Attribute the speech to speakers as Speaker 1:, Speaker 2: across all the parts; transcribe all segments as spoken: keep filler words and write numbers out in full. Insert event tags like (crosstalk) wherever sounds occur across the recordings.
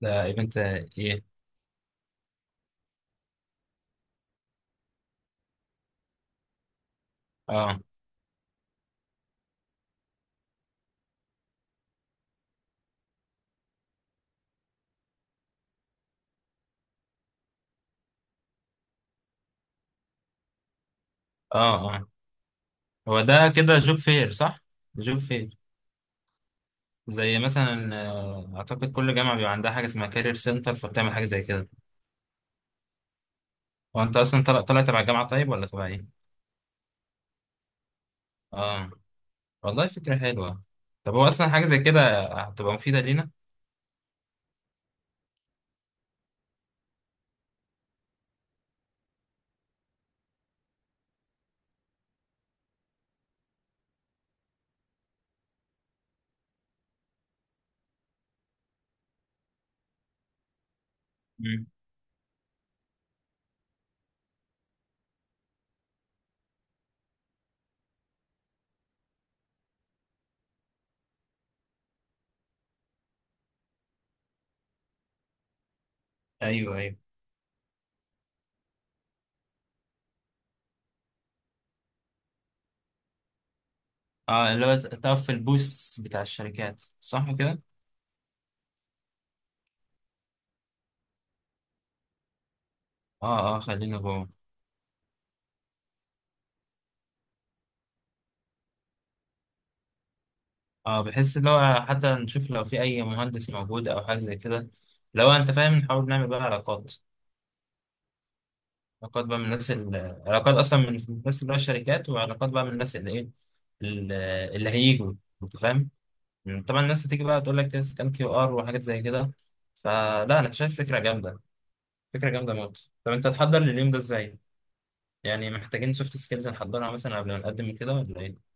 Speaker 1: ده ايفنت ايه؟ اه اه اه هو ده كده جوب فير، صح؟ جوب فير. زي مثلا آه، اعتقد كل جامعه بيبقى عندها حاجه اسمها كارير سنتر، فبتعمل حاجه زي كده. هو انت اصلا طلع طلع تبع الجامعه طيب ولا تبع ايه؟ اه، والله فكره حلوه. طب هو اصلا حاجه زي كده هتبقى مفيده لينا؟ مم. ايوه ايوه. اه، اللي هو تقف في البوس بتاع الشركات، صح كده؟ اه اه، خلينا جوه. اه، بحس اللي هو حتى نشوف لو في اي مهندس موجود او حاجه زي كده، لو انت فاهم نحاول نعمل بقى علاقات. علاقات بقى من الناس ال- علاقات اصلا من الناس اللي هو الشركات، وعلاقات بقى من الناس اللي ايه، ال- اللي هيجوا، انت فاهم. طبعا الناس هتيجي بقى تقول لك سكان كيو ار وحاجات زي كده. فلا، انا شايف فكره جامده. فكره جامده موت. طب انت هتحضر لليوم ده ازاي؟ يعني محتاجين سوفت سكيلز نحضرها مثلا قبل ما نقدم كده ولا ايه؟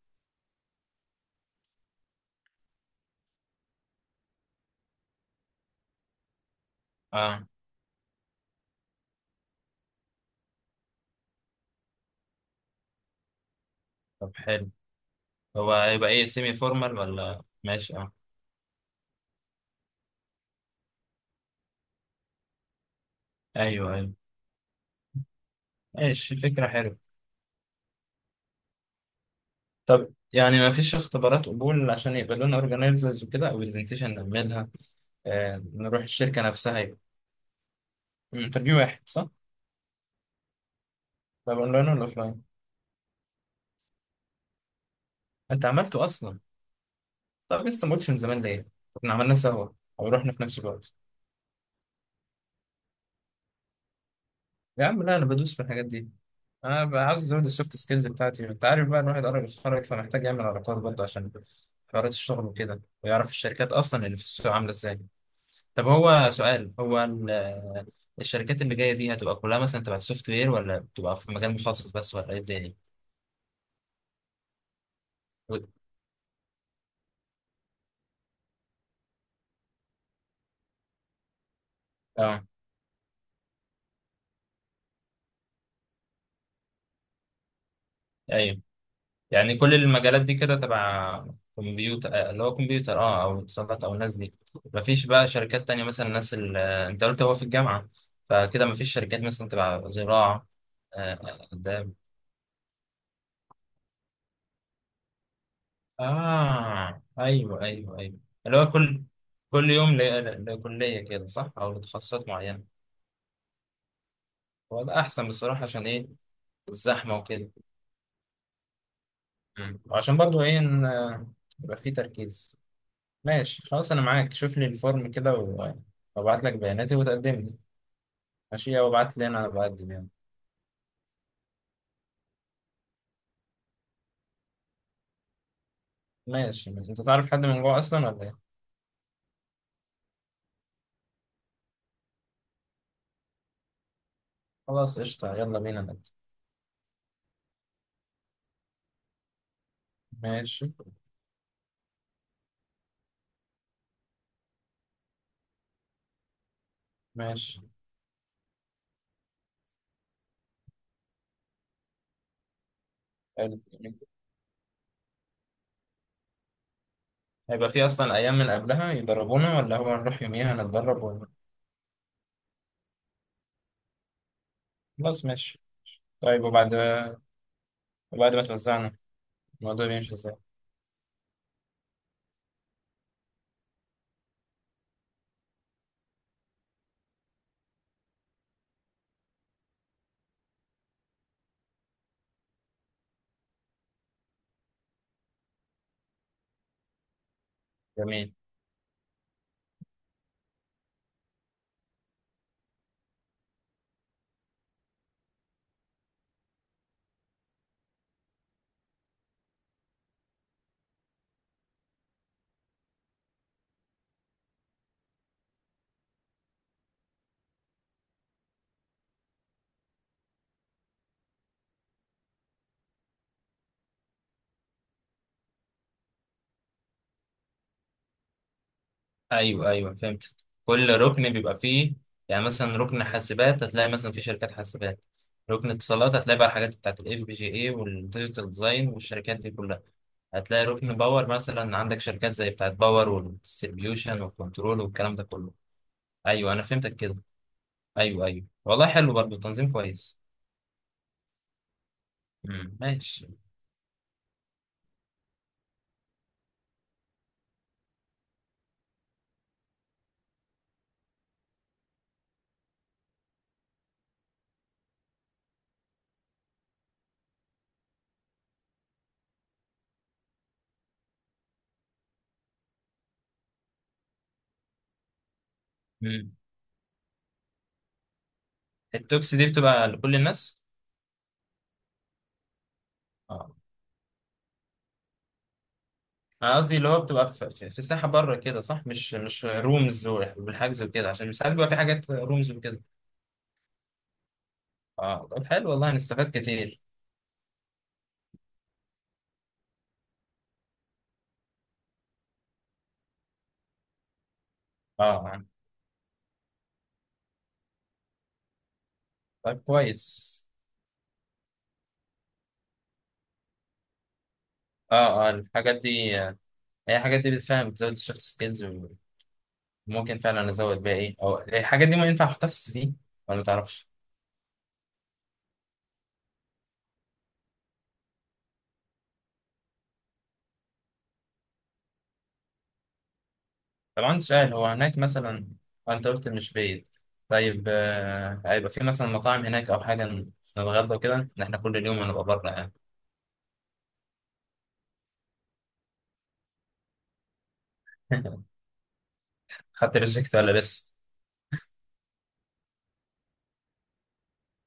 Speaker 1: اه، طب حلو. هو هيبقى ايه، سيمي فورمال ولا ماشي؟ اه ايوه ايوه. ماشي، فكره حلوه. طب يعني ما فيش اختبارات قبول عشان يبقى لنا اورجانيزرز وكده، او برزنتيشن نعملها؟ آه، نروح الشركة نفسها يبقى. انترفيو واحد، صح؟ طب اونلاين ولا اوفلاين؟ انت عملته اصلا؟ طب لسه ما قلتش من زمان ليه؟ احنا عملناه سوا، او رحنا في نفس الوقت. يا عم لا، انا بدوس في الحاجات دي. انا بقى عاوز ازود السوفت سكيلز بتاعتي، انت عارف بقى الواحد قرب يتخرج، فمحتاج يعمل علاقات برضه عشان حوارات الشغل وكده، ويعرف الشركات اصلا اللي في السوق عامله ازاي. طب هو سؤال، هو ال- آه، الشركات اللي جايه دي هتبقى كلها مثلا تبع السوفت وير، ولا بتبقى في مجال مخصص بس، ولا ايه الدنيا؟ و- اه ايوه. يعني كل المجالات دي كده تبع كمبيوتر، آه، اللي هو كمبيوتر، اه، او اتصالات، او الناس دي. مفيش بقى شركات تانية مثلا، الناس اللي انت قلت هو في الجامعة، فكده مفيش شركات مثلا تبع زراعة، آه، آه، آداب. اه ايوه ايوه ايوه. اللي هو كل، كل يوم ل- لكلية كده، صح؟ او لتخصصات معينة. هو ده احسن بصراحة، عشان ايه، الزحمة وكده. مم. وعشان برضو ايه، ان آه، يبقى في تركيز. ماشي خلاص، انا معاك. شوف لي الفورم كده و- وابعت لك بياناتي وتقدمني. ماشي، وابعت لي انا بقدم يعني؟ ماشي. انت تعرف حد من جوه اصلا ولا ايه؟ خلاص قشطة، يلا بينا نبدأ. ماشي ماشي. حلو. هيبقى في اصلا ايام من قبلها يدربونا، ولا هو نروح يوميها نتدرب، ولا؟ خلاص ماشي. طيب، وبعد، وبعد ما توزعنا الموضوع بيمشي ازاي؟ جميل. ايوه ايوه فهمت. كل ركن بيبقى فيه. يعني مثلا ركن حاسبات هتلاقي مثلا في شركات حاسبات. ركن اتصالات هتلاقي بقى الحاجات بتاعت الاف بي جي اي والديجيتال ديزاين والشركات دي كلها. هتلاقي ركن باور مثلا عندك شركات زي بتاعت باور والديستريبيوشن والكنترول والكلام ده كله. ايوه انا فهمتك كده. ايوه ايوه، والله حلو برضه، تنظيم كويس. امم ماشي. امم. التوكس دي بتبقى لكل الناس؟ اه، انا قصدي اللي هو بتبقى في, في, في الساحه بره كده، صح؟ مش مش رومز والحجز وكده، عشان ساعات بيبقى في حاجات رومز وكده. اه طب حلو، والله هنستفاد كتير. اه يعني. طيب كويس. اه اه، الحاجات دي آه، هي الحاجات دي بتفهم، بتزود السوفت سكيلز. وممكن فعلا ازود بيها ايه، او الحاجات دي ما ينفع احطها في السي في ولا ما تعرفش؟ طب عندي سؤال، هو هناك مثلا آه، انت قلت مش بعيد، طيب آه، هيبقى في مثلا مطاعم هناك او حاجه نتغدى وكده، إن احنا كل يوم هنبقى بره يعني. (laughs) خدت ريجكت ولا لسه؟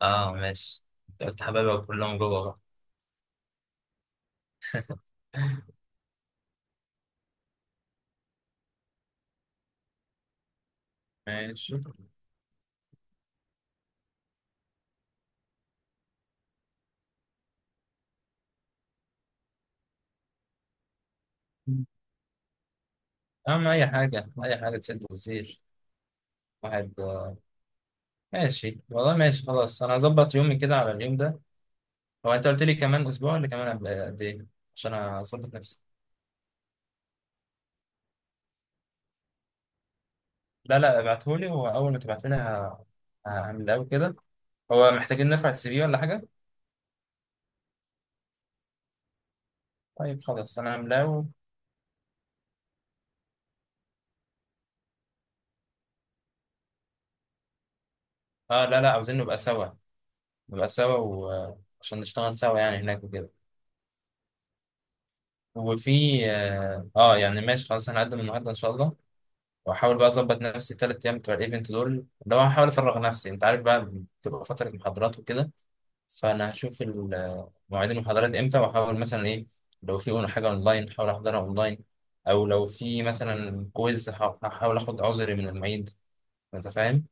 Speaker 1: اه ماشي. انت قلت حبايبك كلهم جوه بقى. ماشي. اهم اي حاجه، اي حاجه تسد الزير. واحد آه، ماشي والله، ماشي خلاص، انا هظبط يومي كده على اليوم ده. هو انت قلت لي كمان اسبوع ولا كمان، قبل قد ايه؟ عشان اظبط نفسي. لا لا، ابعتهولي، واول ما تبعتهولي ه- هعمل له كده. هو محتاجين نرفع السي في ولا حاجه؟ طيب خلاص انا هعمل له. اه لا لا، عاوزين نبقى سوا، نبقى سوا وعشان نشتغل سوا يعني هناك وكده. وفي اه آه، يعني ماشي خلاص، هنقدم النهارده ان شاء الله. واحاول بقى اظبط نفسي الثلاث ايام بتوع الايفنت دول، ده هو هحاول افرغ نفسي، انت عارف بقى بتبقى فتره محاضرات وكده. فانا هشوف ال- آه، مواعيد المحاضرات امتى، واحاول مثلا ايه، لو في حاجه اونلاين احاول احضرها اونلاين، او لو في مثلا كويز هح- هحاول اخد عذري من المعيد، انت فاهم.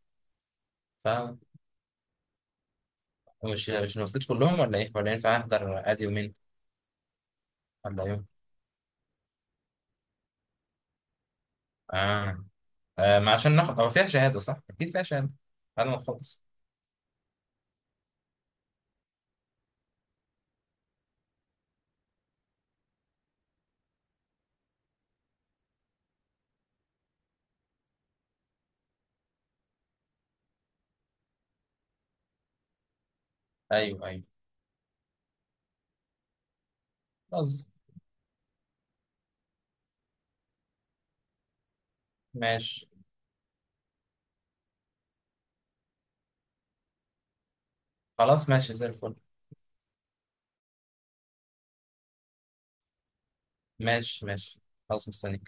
Speaker 1: فمش مش المفروض كلهم، ولا ايه؟ ولا ينفع احضر ادي يومين، ولا يوم؟ اه، آه ما عشان ناخد، هو فيها شهاده صح؟ اكيد فيها شهاده، على ما نخلص. ايوه ايوه. خلاص ماشي. خلاص ماشي زي الفل. ماشي ماشي. خلاص مستني.